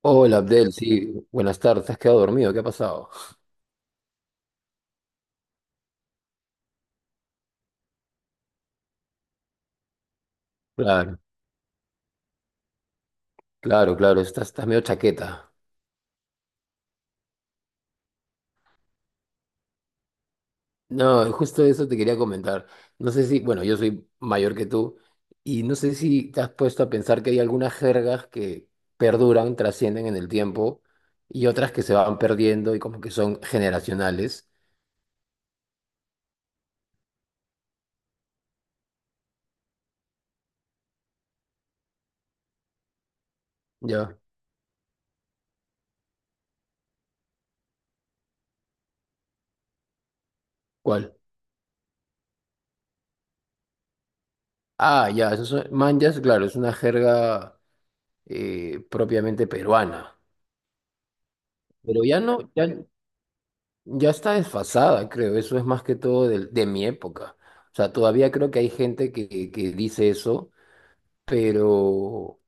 Hola Abdel, sí, buenas tardes, ¿te has quedado dormido? ¿Qué ha pasado? Claro, claro, claro, estás medio chaqueta. No, justo eso te quería comentar. No sé si, bueno, yo soy mayor que tú y no sé si te has puesto a pensar que hay algunas jergas que perduran, trascienden en el tiempo y otras que se van perdiendo y como que son generacionales. ¿Ya? ¿Cuál? Ah, ya, esos son manjas, claro, es una jerga propiamente peruana. Pero ya no, ya está desfasada, creo. Eso es más que todo de mi época. O sea, todavía creo que hay gente que dice eso, pero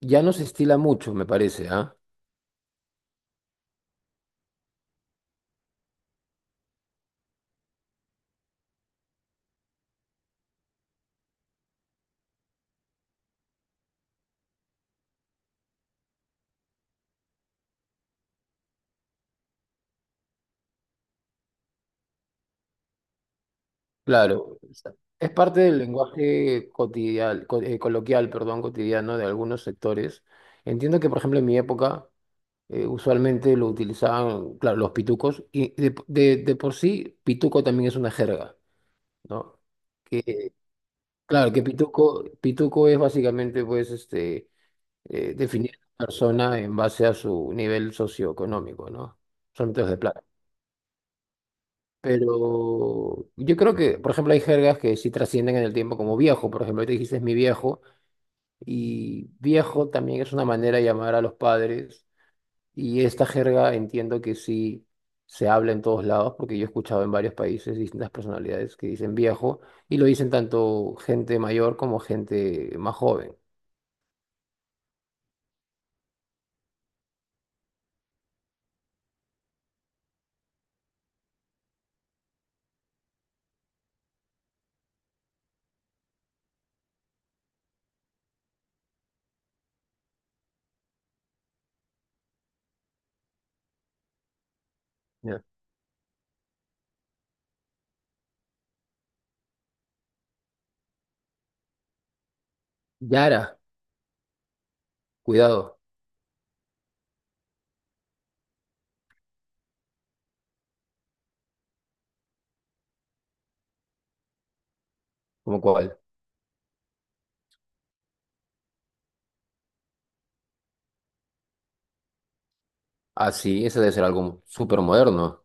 ya no se estila mucho, me parece, ¿ah? Claro. O sea, es parte del lenguaje cotidial, coloquial, perdón, cotidiano de algunos sectores. Entiendo que, por ejemplo, en mi época, usualmente lo utilizaban, claro, los pitucos, y de por sí, pituco también es una jerga, ¿no? Que, claro, que pituco es básicamente, pues, definir a la persona en base a su nivel socioeconómico, ¿no? Son métodos de plata. Pero yo creo que, por ejemplo, hay jergas que sí trascienden en el tiempo, como viejo, por ejemplo, te dijiste es mi viejo, y viejo también es una manera de llamar a los padres, y esta jerga entiendo que sí se habla en todos lados, porque yo he escuchado en varios países distintas personalidades que dicen viejo, y lo dicen tanto gente mayor como gente más joven. Ya. Yara, cuidado, como cual. Ah, sí, ese debe ser algo súper moderno.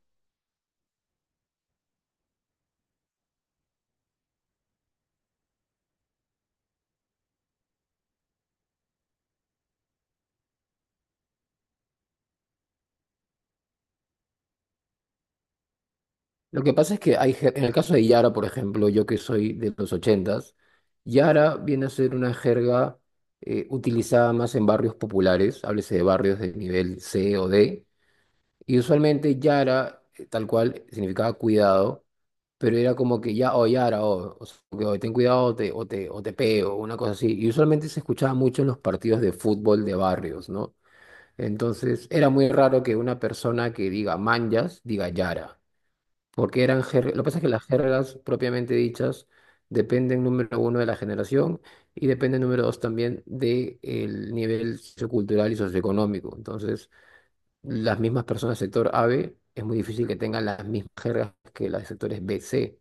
Lo que pasa es que en el caso de Yara, por ejemplo, yo que soy de los ochentas, Yara viene a ser una jerga utilizada más en barrios populares, háblese de barrios de nivel C o D, y usualmente Yara, tal cual, significaba cuidado, pero era como que ya, o Yara, o sea, que, "Oye, ten cuidado, o te pego", una cosa así, y usualmente se escuchaba mucho en los partidos de fútbol de barrios, ¿no? Entonces era muy raro que una persona que diga manjas diga yara, porque eran jergas. Lo que pasa es que las jergas propiamente dichas dependen, número uno, de la generación, y dependen, número dos, también del nivel sociocultural y socioeconómico. Entonces, las mismas personas del sector AB es muy difícil que tengan las mismas jergas que las del sectores B C,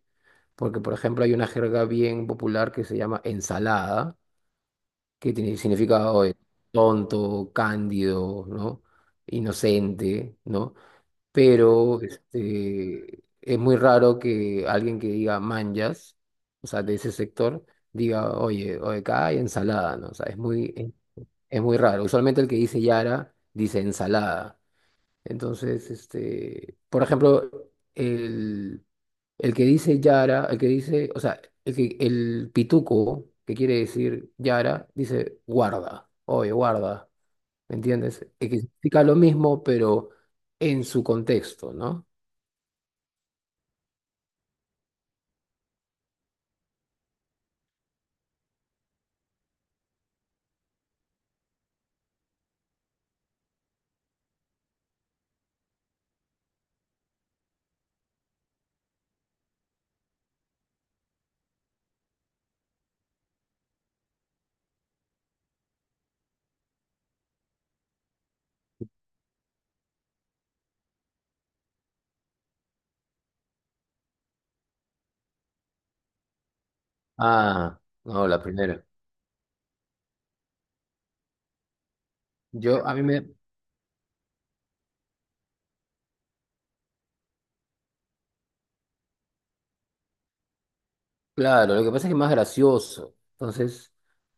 porque, por ejemplo, hay una jerga bien popular que se llama ensalada, que tiene significado de tonto, cándido, ¿no? Inocente, ¿no? Pero es muy raro que alguien que diga manjas, o sea, de ese sector, diga: oye, oye, acá hay ensalada, ¿no? O sea, es muy raro. Usualmente el que dice Yara dice ensalada. Entonces, por ejemplo, el, el que dice Yara, el que dice, o sea, el que, el pituco, que quiere decir Yara, dice guarda, oye, guarda, ¿me entiendes? Es que significa lo mismo, pero en su contexto, ¿no? Ah, no, la primera. A mí me, claro, lo que pasa es que es más gracioso. Entonces,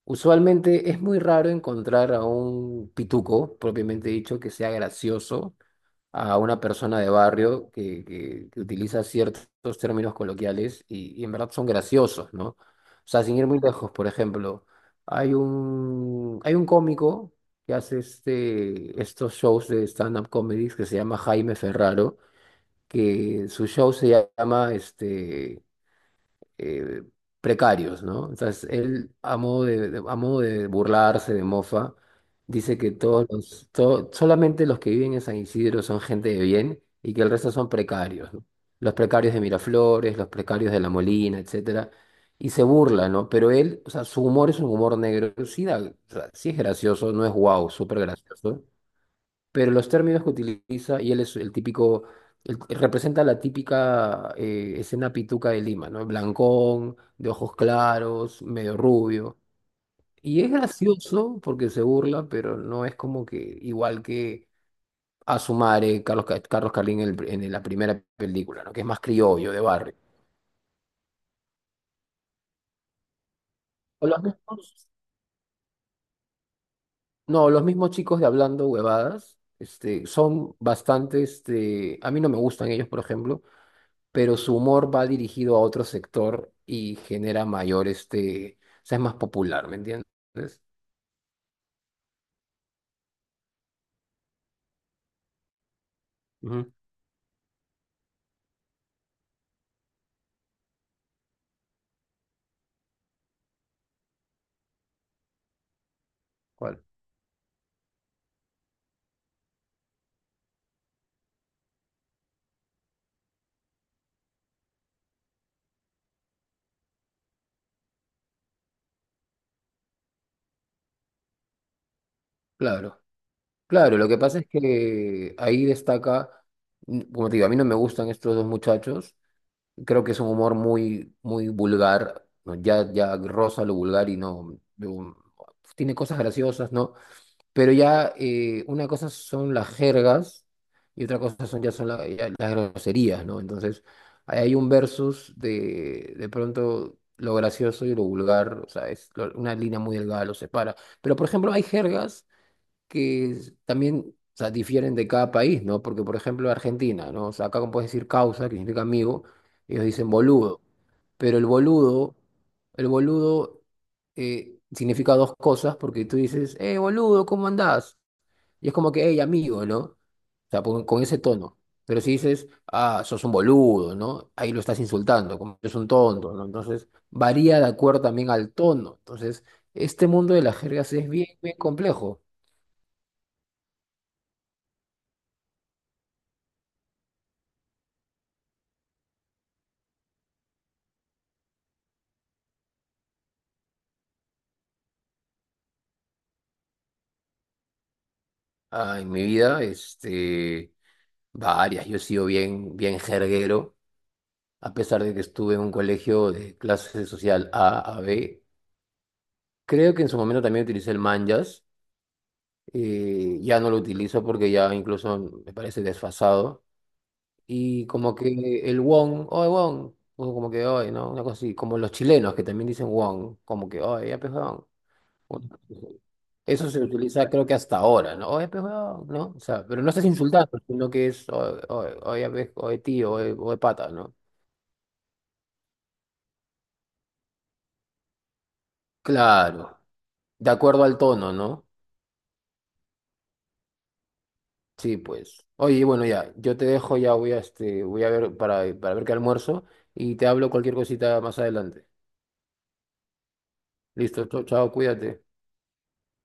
usualmente es muy raro encontrar a un pituco, propiamente dicho, que sea gracioso a una persona de barrio que utiliza ciertos términos coloquiales y, en verdad son graciosos, ¿no? O sea, sin ir muy lejos, por ejemplo, hay un cómico que hace estos shows de stand-up comedies, que se llama Jaime Ferraro, que su show se llama eh, precarios, ¿no? Entonces, él, a modo de burlarse, de mofa, dice que solamente los que viven en San Isidro son gente de bien, y que el resto son precarios, ¿no? Los precarios de Miraflores, los precarios de La Molina, etcétera. Y se burla, ¿no? Pero él, o sea, su humor es un humor negro. Sí, o sea, sí es gracioso, no es guau, súper gracioso, pero los términos que utiliza, y él es el típico, representa la típica escena pituca de Lima, ¿no? Blancón, de ojos claros, medio rubio. Y es gracioso porque se burla, pero no es como que igual que Asumare, Carlos Carlín en la primera película, ¿no? Que es más criollo, de barrio. O los mismos, no, los mismos chicos de Hablando Huevadas, son bastante, a mí no me gustan ellos, por ejemplo, pero su humor va dirigido a otro sector y genera mayor, o sea, es más popular, ¿me entiendes? Ujú. ¿Cuál? Claro, claro, lo que pasa es que ahí destaca, como te digo, a mí no me gustan estos dos muchachos, creo que es un humor muy, muy vulgar, ¿no? Ya, ya roza lo vulgar y no, no, tiene cosas graciosas, ¿no? Pero ya, una cosa son las jergas y otra cosa son, ya son ya las groserías, ¿no? Entonces, ahí hay un versus de pronto, lo gracioso y lo vulgar, o sea, es una línea muy delgada los separa. Pero, por ejemplo, hay jergas que también, o sea, difieren de cada país, ¿no? Porque, por ejemplo, Argentina, ¿no? O sea, acá como puedes decir causa, que significa amigo, ellos dicen boludo. Pero el boludo, el boludo significa dos cosas, porque tú dices, boludo, ¿cómo andás? Y es como que, hey, amigo, ¿no? O sea, con ese tono. Pero si dices, ah, sos un boludo, ¿no? Ahí lo estás insultando, como que es un tonto, ¿no? Entonces, varía de acuerdo también al tono. Entonces, este mundo de las jergas es bien, bien complejo. Ah, en mi vida, varias. Yo he sido bien, bien jerguero, a pesar de que estuve en un colegio de clase social A a B. Creo que en su momento también utilicé el Manjas. Ya no lo utilizo porque ya incluso me parece desfasado. Y como que el won, oye, Wong, o como que oye, ¿no? Una cosa así, como los chilenos que también dicen won, como que oye, ya pues, Wong. Eso se utiliza creo que hasta ahora, ¿no? Oye, pues, weón, ¿no? O sea, pero no estás insultando, sino que es oye, oye, oye, oye, tío, oye, oye, pata, ¿no? Claro, de acuerdo al tono, ¿no? Sí, pues. Oye, bueno, ya, yo te dejo, ya voy a ver para ver qué almuerzo y te hablo cualquier cosita más adelante. Listo, chao, chao, cuídate.